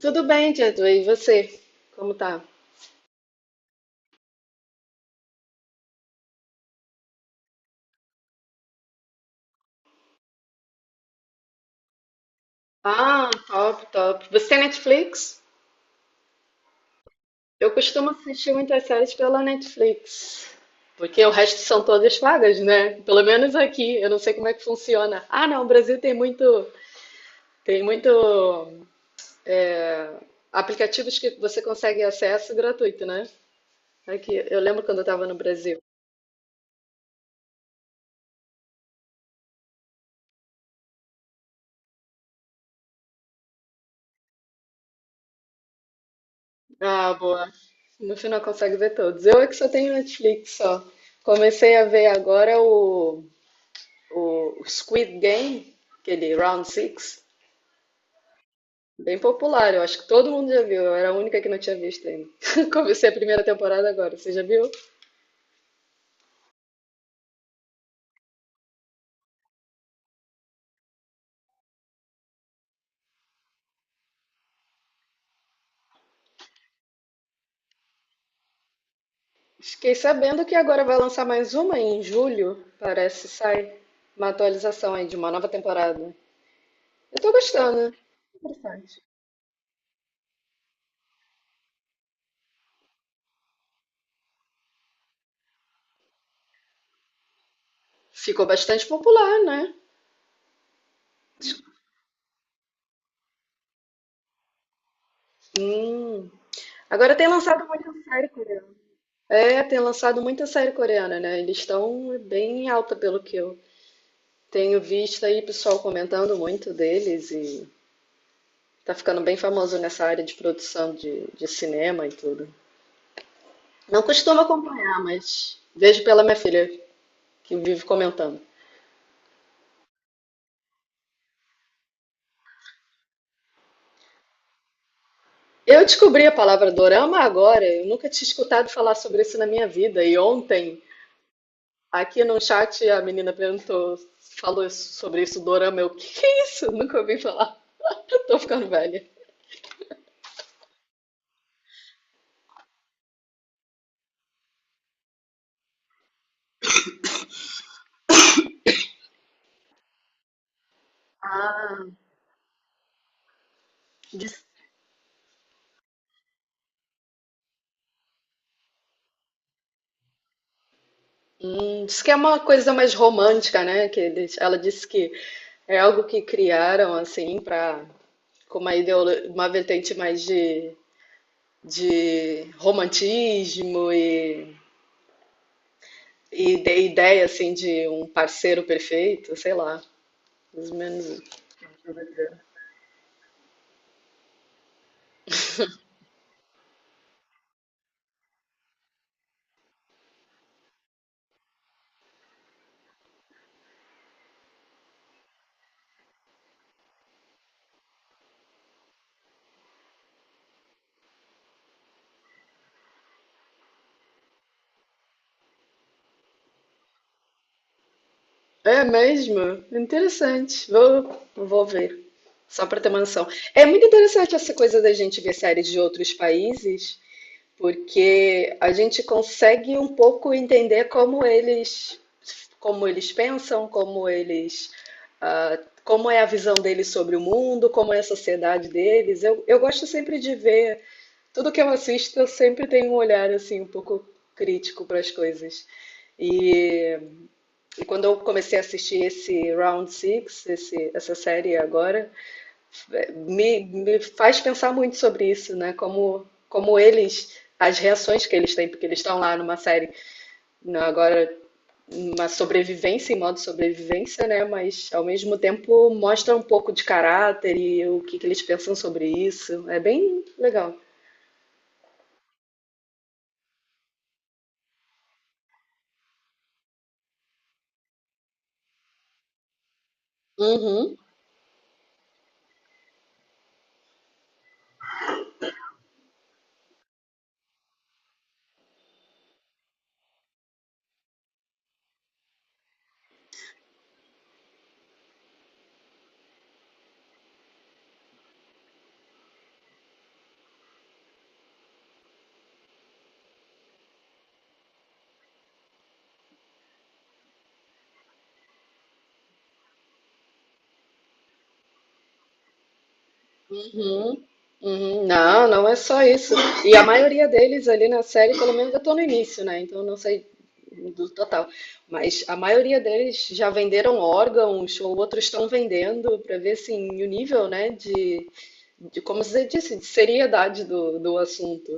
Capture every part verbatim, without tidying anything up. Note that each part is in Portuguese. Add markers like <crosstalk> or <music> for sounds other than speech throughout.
Tudo bem, Jadu? E você? Como tá? Ah, top, top. Você tem Netflix? Eu costumo assistir muitas séries pela Netflix, porque o resto são todas pagas, né? Pelo menos aqui. Eu não sei como é que funciona. Ah, não, o Brasil tem muito, tem muito é, aplicativos que você consegue acesso gratuito, né? Aqui, eu lembro quando eu estava no Brasil. Ah, boa. No final consegue ver todos. Eu é que só tenho Netflix só. Comecei a ver agora o o Squid Game, aquele Round Six, bem popular, eu acho que todo mundo já viu, eu era a única que não tinha visto ainda. <laughs> Comecei a primeira temporada agora, você já viu? Fiquei sabendo que agora vai lançar mais uma em julho, parece, sai uma atualização aí de uma nova temporada. Eu tô gostando. Interessante. Ficou bastante popular, né? Hum. Agora tem lançado muita série coreana. É, tem lançado muita série coreana, né? Eles estão bem em alta pelo que eu Tenho visto aí pessoal comentando muito deles e tá ficando bem famoso nessa área de produção de, de cinema e tudo. Não costumo acompanhar, mas vejo pela minha filha que vive comentando. Eu descobri a palavra dorama agora, eu nunca tinha escutado falar sobre isso na minha vida. E ontem, aqui no chat, a menina perguntou, falou isso- sobre isso, dorama. Eu, o que que é isso? Nunca ouvi falar. <laughs> Tô ficando velha. Diz, hum, diz que é uma coisa mais romântica, né? Que eles, ela disse que é algo que criaram assim para com uma ideolo- uma vertente mais de, de romantismo e, e de ideia assim de um parceiro perfeito, sei lá, mais ou menos. É mesmo? Interessante. Vou, vou ver. Só para ter uma noção. É muito interessante essa coisa da gente ver séries de outros países, porque a gente consegue um pouco entender como eles como eles pensam, como eles, ah, como é a visão deles sobre o mundo, como é a sociedade deles. Eu, eu gosto sempre de ver, tudo que eu assisto, eu sempre tenho um olhar assim um pouco crítico para as coisas. E, e quando eu comecei a assistir esse Round Six, esse, essa série agora, me, me faz pensar muito sobre isso, né? Como, como eles, as reações que eles têm, porque eles estão lá numa série, na- agora uma sobrevivência em modo sobrevivência, né? Mas ao mesmo tempo mostra um pouco de caráter e o que, que eles pensam sobre isso. É bem legal. Uhum, uhum, uhum. Não, não é só isso. E a maioria deles ali na série, pelo menos eu tô no início, né? Então eu não sei do total. Mas a maioria deles já venderam órgãos ou outros estão vendendo para ver assim, o nível, né, de, de como você disse, de seriedade do, do assunto.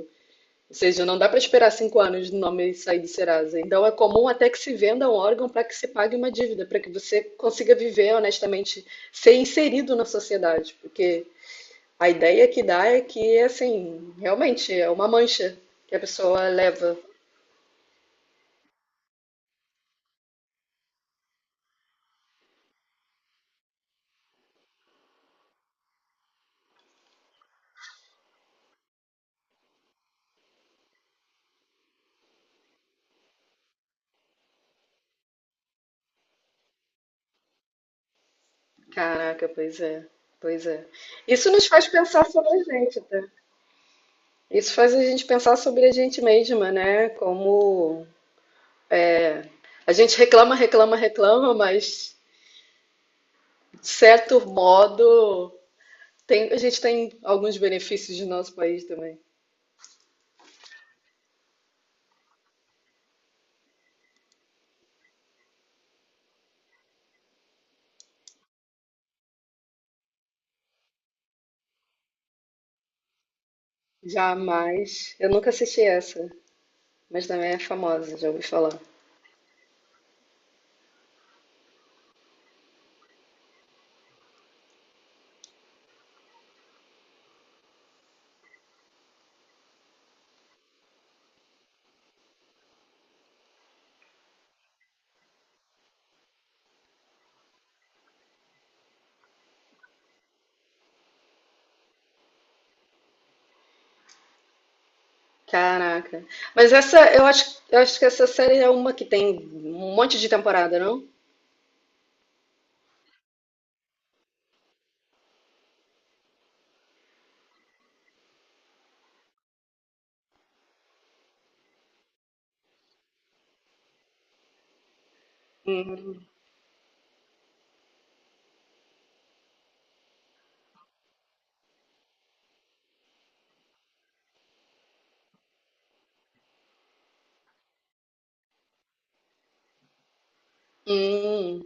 Ou seja, não dá para esperar cinco anos do nome sair do Serasa. Então é comum até que se venda um órgão para que se pague uma dívida, para que você consiga viver honestamente, ser inserido na sociedade. Porque a ideia que dá é que, assim, realmente é uma mancha que a pessoa leva. Caraca, pois é. Pois é. Isso nos faz pensar sobre a gente, tá? Isso faz a gente pensar sobre a gente mesma, né? Como a gente reclama, reclama, reclama, mas de certo modo Tem- a gente tem alguns benefícios do nosso país também. Jamais. Eu nunca assisti essa, mas também é famosa, já ouvi falar. Caraca. Mas essa, eu acho, eu acho que essa série é uma que tem um monte de temporada, não? Uhum. Hum,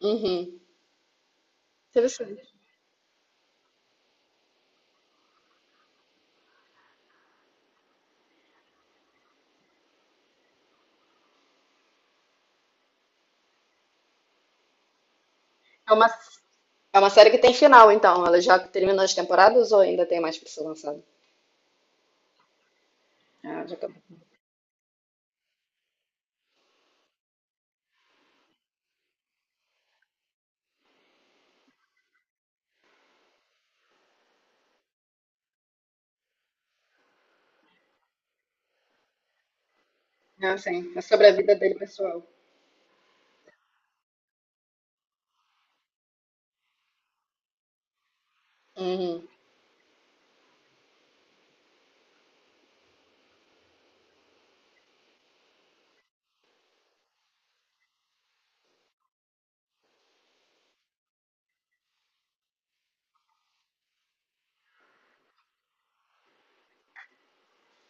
uhum. Interessante. É uma, é uma série que tem final, então. Ela já terminou as temporadas ou ainda tem mais pra ser lançada? Ah, já acabou. Ah, sim. É sobre a vida dele, pessoal. Uhum.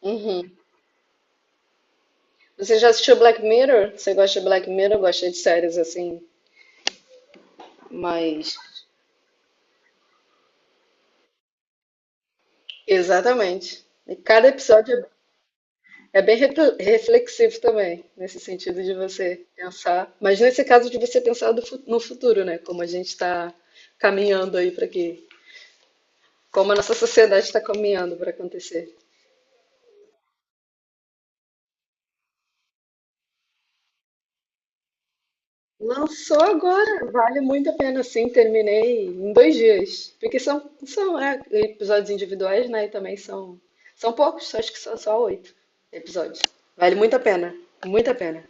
Uhum. Você já assistiu Black Mirror? Você gosta de Black Mirror? Eu gosto de séries assim, Mas, exatamente. E cada episódio é bem refle- reflexivo também, nesse sentido de você pensar. Mas nesse caso de você pensar do fu- no futuro, né? Como a gente está caminhando aí para que. Como a nossa sociedade está caminhando para acontecer. Lançou agora, vale muito a pena, sim. Terminei em dois dias. Porque são, são é, episódios individuais, né? E também são, são poucos, acho que são só oito episódios. Vale muito a pena, muito a pena.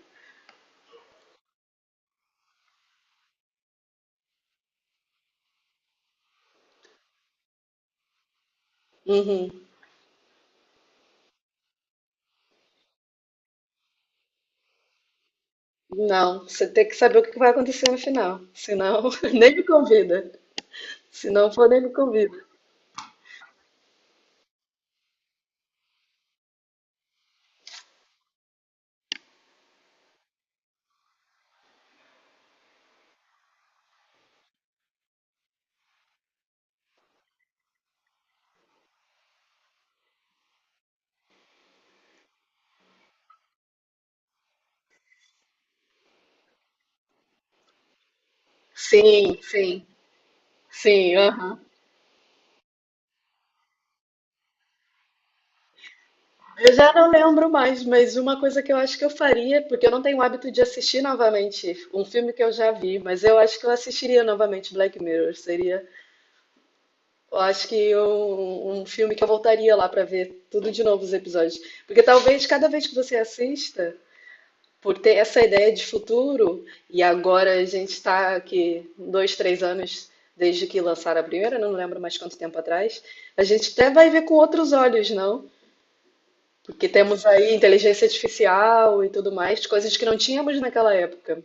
Uhum. Não, você tem que saber o que vai acontecer no final. Senão, <laughs> nem me convida. Se não for, nem me convida. Sim, sim, sim, aham. Eu já não lembro mais, mas uma coisa que eu acho que eu faria, porque eu não tenho o hábito de assistir novamente um filme que eu já vi, mas eu acho que eu assistiria novamente Black Mirror. Seria, eu acho que um, um filme que eu voltaria lá pra ver tudo de novo os episódios. Porque talvez cada vez que você assista, por ter essa ideia de futuro, e agora a gente está aqui dois, três anos desde que lançaram a primeira, não lembro mais quanto tempo atrás, a gente até vai ver com outros olhos, não? Porque temos aí inteligência artificial e tudo mais, coisas que não tínhamos naquela época.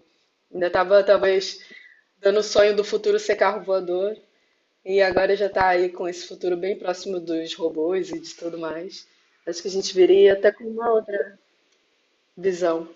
Ainda estava talvez dando o sonho do futuro ser carro voador, e agora já está aí com esse futuro bem próximo dos robôs e de tudo mais. Acho que a gente viria até com uma outra visão.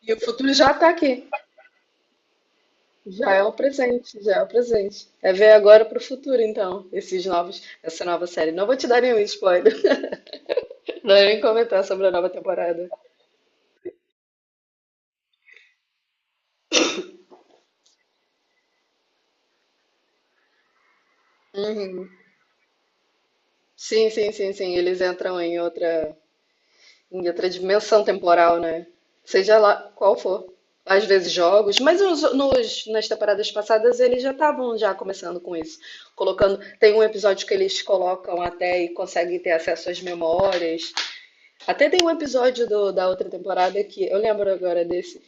E o futuro já está aqui. Já é o presente, já é o presente. É ver agora pro futuro, então, esses novos, essa nova série. Não vou te dar nenhum spoiler, <laughs> não vou nem comentar sobre a nova temporada. Uhum. Sim, sim, sim, sim. Eles entram em outra, em outra dimensão temporal, né? Seja lá qual for. Às vezes jogos, mas nos, nos- nas temporadas passadas eles já estavam já começando com isso. Colocando, tem um episódio que eles colocam até e conseguem ter acesso às memórias. Até tem um episódio do- da outra temporada que eu lembro agora desse,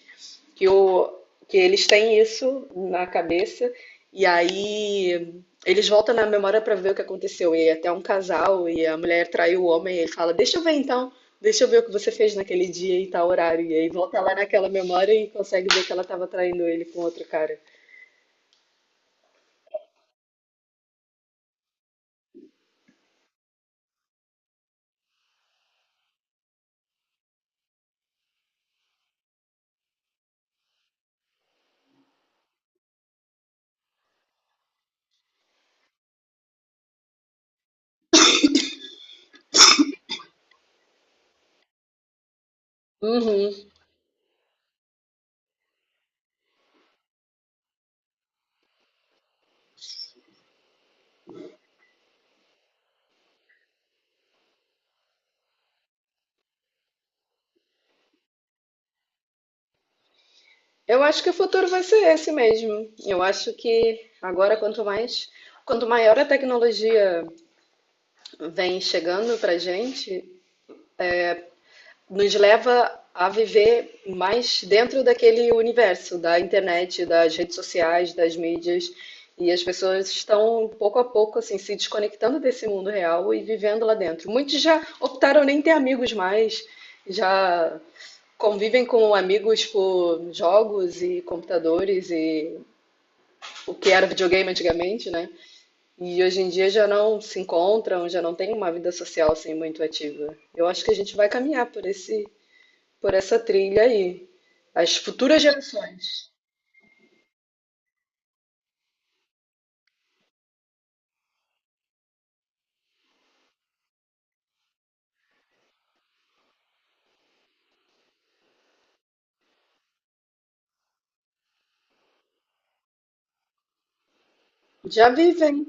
que, o, que eles têm isso na cabeça e aí eles voltam na memória pra ver o que aconteceu. E até um casal e a mulher traiu o homem e ele fala: Deixa eu ver então, deixa eu ver o que você fez naquele dia e tal horário. E aí volta lá naquela memória e consegue ver que ela tava traindo ele com outro cara. Uhum. Eu acho que o futuro vai ser esse mesmo. Eu acho que agora, quanto mais, quanto maior a tecnologia vem chegando para gente nos leva a viver mais dentro daquele universo da internet, das redes sociais, das mídias. E as pessoas estão pouco a pouco assim se desconectando desse mundo real e vivendo lá dentro. Muitos já optaram nem ter amigos mais, já convivem com amigos por jogos e computadores e o que era videogame antigamente, né? E hoje em dia já não se encontram, já não tem uma vida social assim muito ativa. Eu acho que a gente vai caminhar por esse, por essa trilha aí. As futuras gerações já vivem,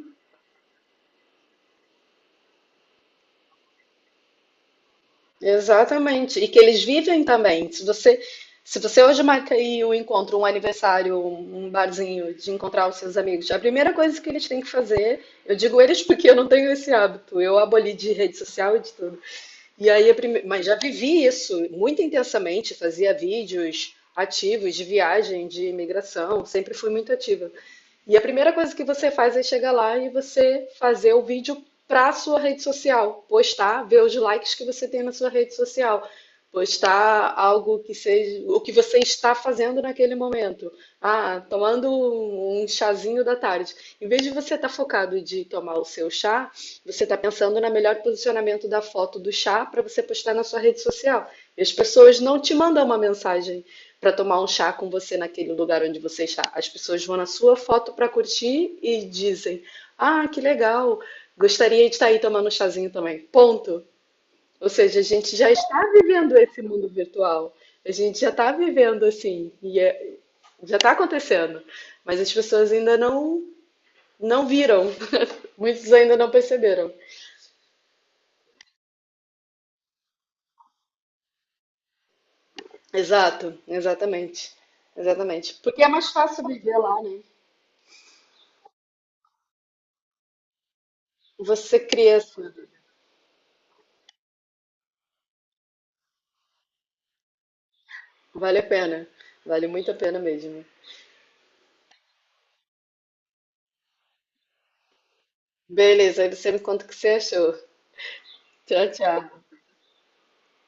exatamente. E que eles vivem também. Se você, se você hoje marca aí um encontro, um aniversário, um um barzinho de encontrar os seus amigos, a primeira coisa que eles têm que fazer, eu digo eles porque eu não tenho esse hábito, eu aboli de rede social e de tudo. E aí, a prime- mas já vivi isso muito intensamente, fazia vídeos ativos de viagem, de imigração, sempre fui muito ativa. E a primeira coisa que você faz é chegar lá e você fazer o vídeo para a sua rede social, postar, ver os likes que você tem na sua rede social, postar algo que seja o que você está fazendo naquele momento. Ah, tomando um um chazinho da tarde. Em vez de você estar focado de tomar o seu chá, você está pensando no melhor posicionamento da foto do chá para você postar na sua rede social. E as pessoas não te mandam uma mensagem para tomar um chá com você naquele lugar onde você está. As pessoas vão na sua foto para curtir e dizem: Ah, que legal, gostaria de estar aí tomando um chazinho também. Ponto. Ou seja, a gente já está vivendo esse mundo virtual. A gente já está vivendo assim, e é- já está acontecendo, mas as pessoas ainda não não viram, <laughs> muitos ainda não perceberam. Exato, exatamente, exatamente. Porque é mais fácil viver lá, né? Você cria, assim, vale a pena, vale muito a pena mesmo. Beleza, aí você me conta o que você achou. Tchau, tchau.